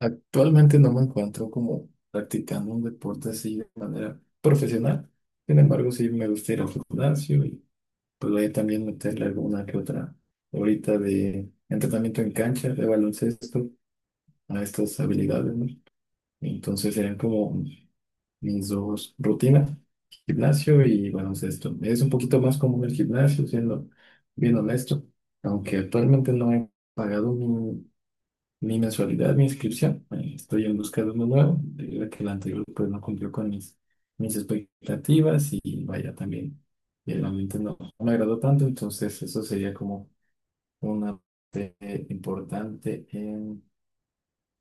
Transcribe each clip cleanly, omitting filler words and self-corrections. Actualmente no me encuentro como practicando un deporte así de manera profesional. Sin embargo, sí me gusta ir al gimnasio y pues voy a también meterle alguna que otra ahorita de entrenamiento en cancha, de baloncesto, a estas habilidades, ¿no? Entonces serían como mis dos rutinas, gimnasio y baloncesto. Es un poquito más común el gimnasio, siendo bien honesto, aunque actualmente no he pagado mi mensualidad, mi inscripción. Estoy en busca de uno nuevo, debido a que el anterior pues no cumplió con mis expectativas y vaya también. El ambiente no me agradó tanto, entonces eso sería como una parte importante en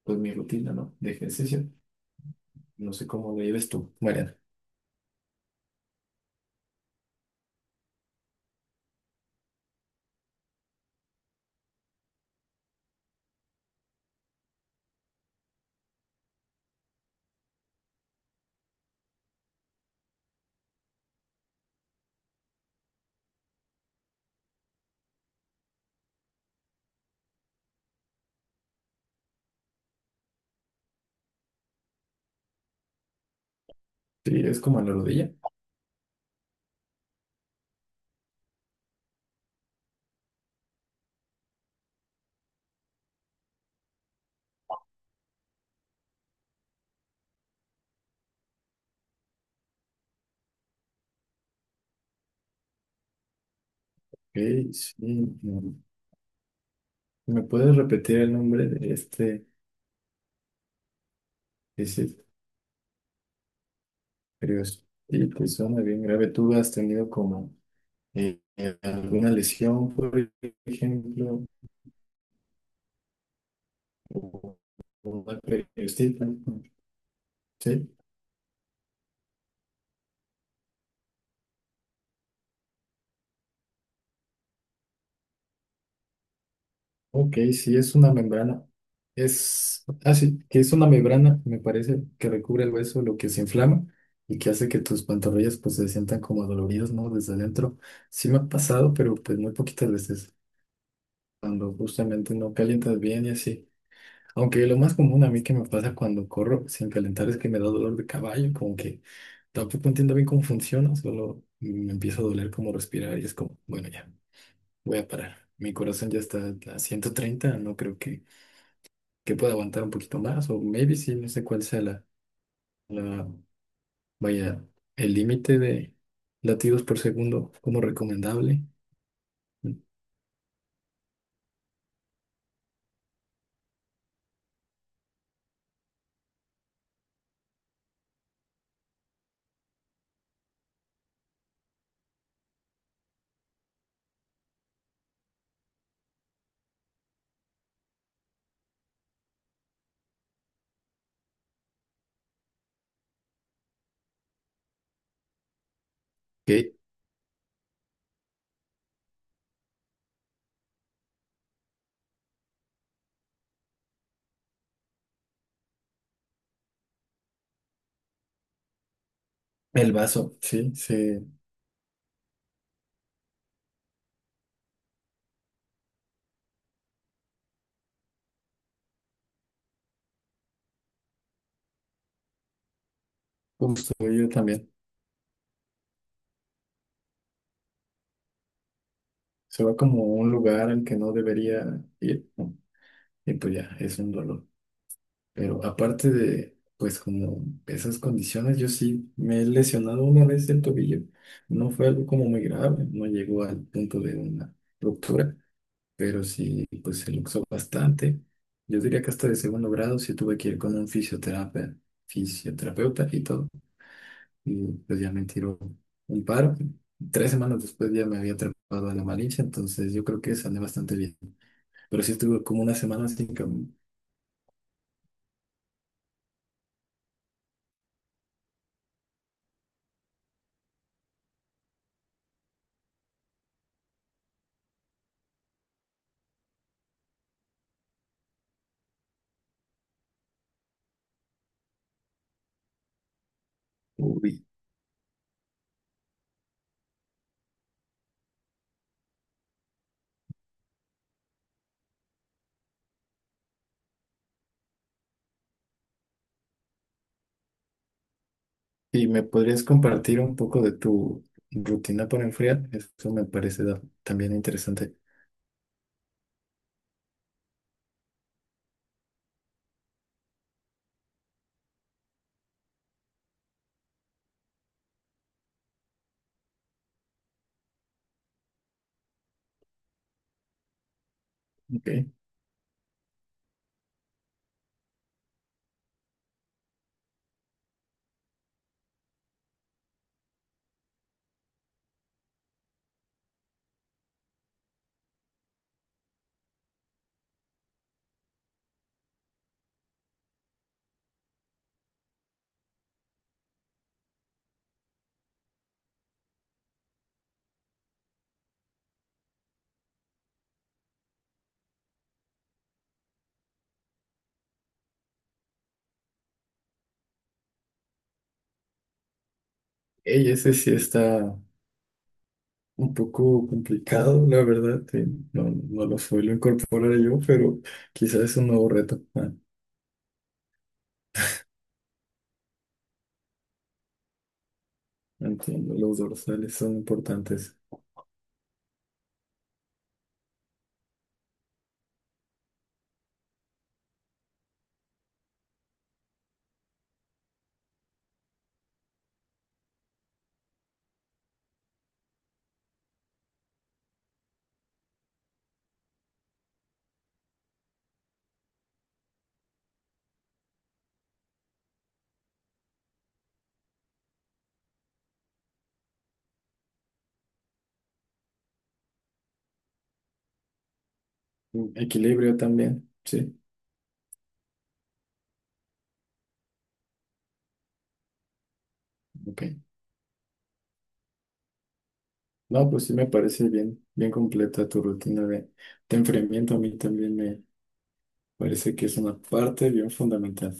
pues, mi rutina, ¿no? De ejercicio. No sé cómo lo lleves tú, Mariana. Sí, es como a la rodilla. Ok, sí. Mm. ¿Me puedes repetir el nombre de este? Es curioso. Sí, pues suena bien grave. ¿Tú has tenido como alguna lesión, por ejemplo, o una periostita? Sí, ok, sí, es una membrana. Es así, que es una membrana, me parece, que recubre el hueso, lo que se inflama y que hace que tus pantorrillas pues se sientan como doloridas, ¿no? Desde adentro. Sí me ha pasado, pero pues muy poquitas veces, cuando justamente no calientas bien y así. Aunque lo más común a mí que me pasa cuando corro sin calentar es que me da dolor de caballo, como que tampoco entiendo bien cómo funciona, solo me empieza a doler como respirar y es como, bueno, ya, voy a parar. Mi corazón ya está a 130, no creo que pueda aguantar un poquito más, o maybe sí, no sé cuál sea la, la vaya, el límite de latidos por segundo como recomendable. Que el vaso, sí, se justo yo también. Se va como a un lugar al que no debería ir, ¿no? Y pues ya, es un dolor. Pero aparte de, pues como esas condiciones, yo sí me he lesionado una vez el tobillo. No fue algo como muy grave, no llegó al punto de una ruptura, pero sí, pues se luxó bastante. Yo diría que hasta de segundo grado sí tuve que ir con un fisioterapeuta y todo. Y pues ya me tiró un paro. Tres semanas después ya me había atrapado a la malicia, entonces yo creo que sané bastante bien. Pero sí estuve como una semana sin caminar. ¿Y me podrías compartir un poco de tu rutina para enfriar? Eso me parece da- también interesante. Ok. Ey, ese sí está un poco complicado, la verdad. Sí. No, no lo suelo incorporar yo, pero quizás es un nuevo reto. Ah, entiendo, los dorsales son importantes. Mm, equilibrio también, sí. Ok. No, pues sí me parece bien, bien completa tu rutina de enfriamiento. A mí también me parece que es una parte bien fundamental.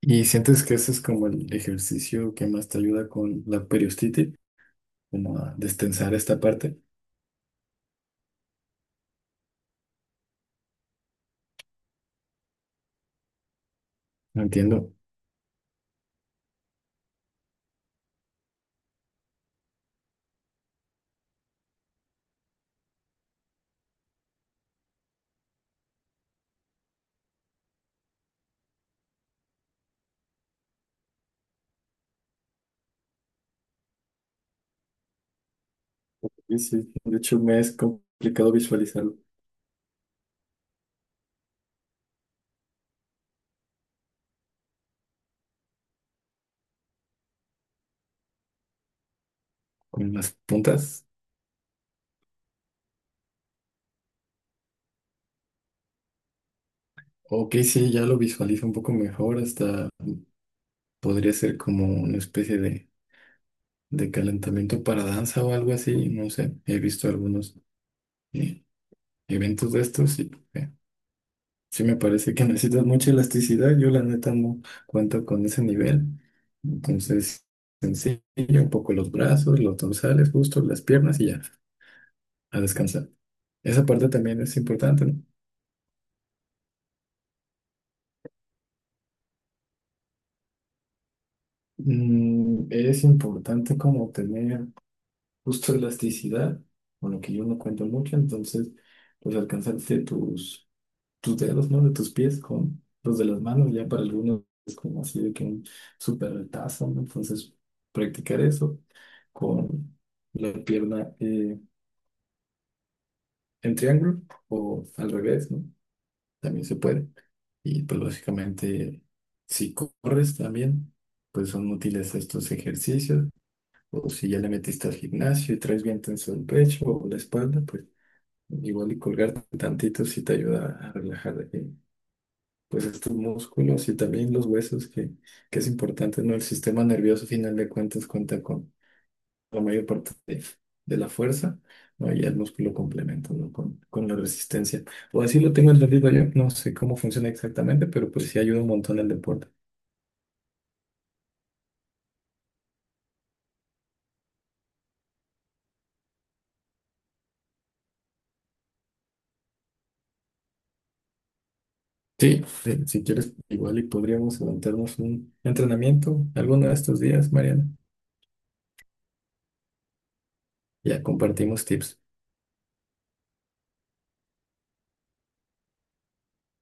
¿Y sientes que ese es como el ejercicio que más te ayuda con la periostitis, como a destensar esta parte? No entiendo. Sí, sí. De hecho, me es complicado visualizarlo con las puntas. Ok, sí, ya lo visualizo un poco mejor, hasta podría ser como una especie de calentamiento para danza o algo así, no sé. He visto algunos eh, eventos de estos y... sí, me parece que necesitas mucha elasticidad. Yo la neta no cuento con ese nivel. Entonces, sencillo, un poco los brazos, los dorsales, justo las piernas y ya, a descansar. Esa parte también es importante, ¿no? Mm, es importante como tener justo elasticidad, con lo que yo no cuento mucho. Entonces, pues alcanzarte tus dedos, ¿no? De tus pies con los de las manos, ya para algunos es como así de que un súper retazo, ¿no? Entonces, practicar eso con la pierna en triángulo o al revés, ¿no? También se puede. Y pues lógicamente, si corres también, pues son útiles estos ejercicios. O si ya le metiste al gimnasio y traes bien tenso el pecho o la espalda, pues igual y colgarte tantito si te ayuda a relajar pues estos músculos y también los huesos, que es importante, ¿no? El sistema nervioso, a final de cuentas, cuenta con la mayor parte de la fuerza, ¿no? Y el músculo complementa, ¿no? Con la resistencia. O así lo tengo entendido yo, no sé cómo funciona exactamente, pero pues sí ayuda un montón el deporte. Sí, sí, si quieres, igual y podríamos levantarnos un entrenamiento alguno de estos días, Mariana. Ya compartimos tips.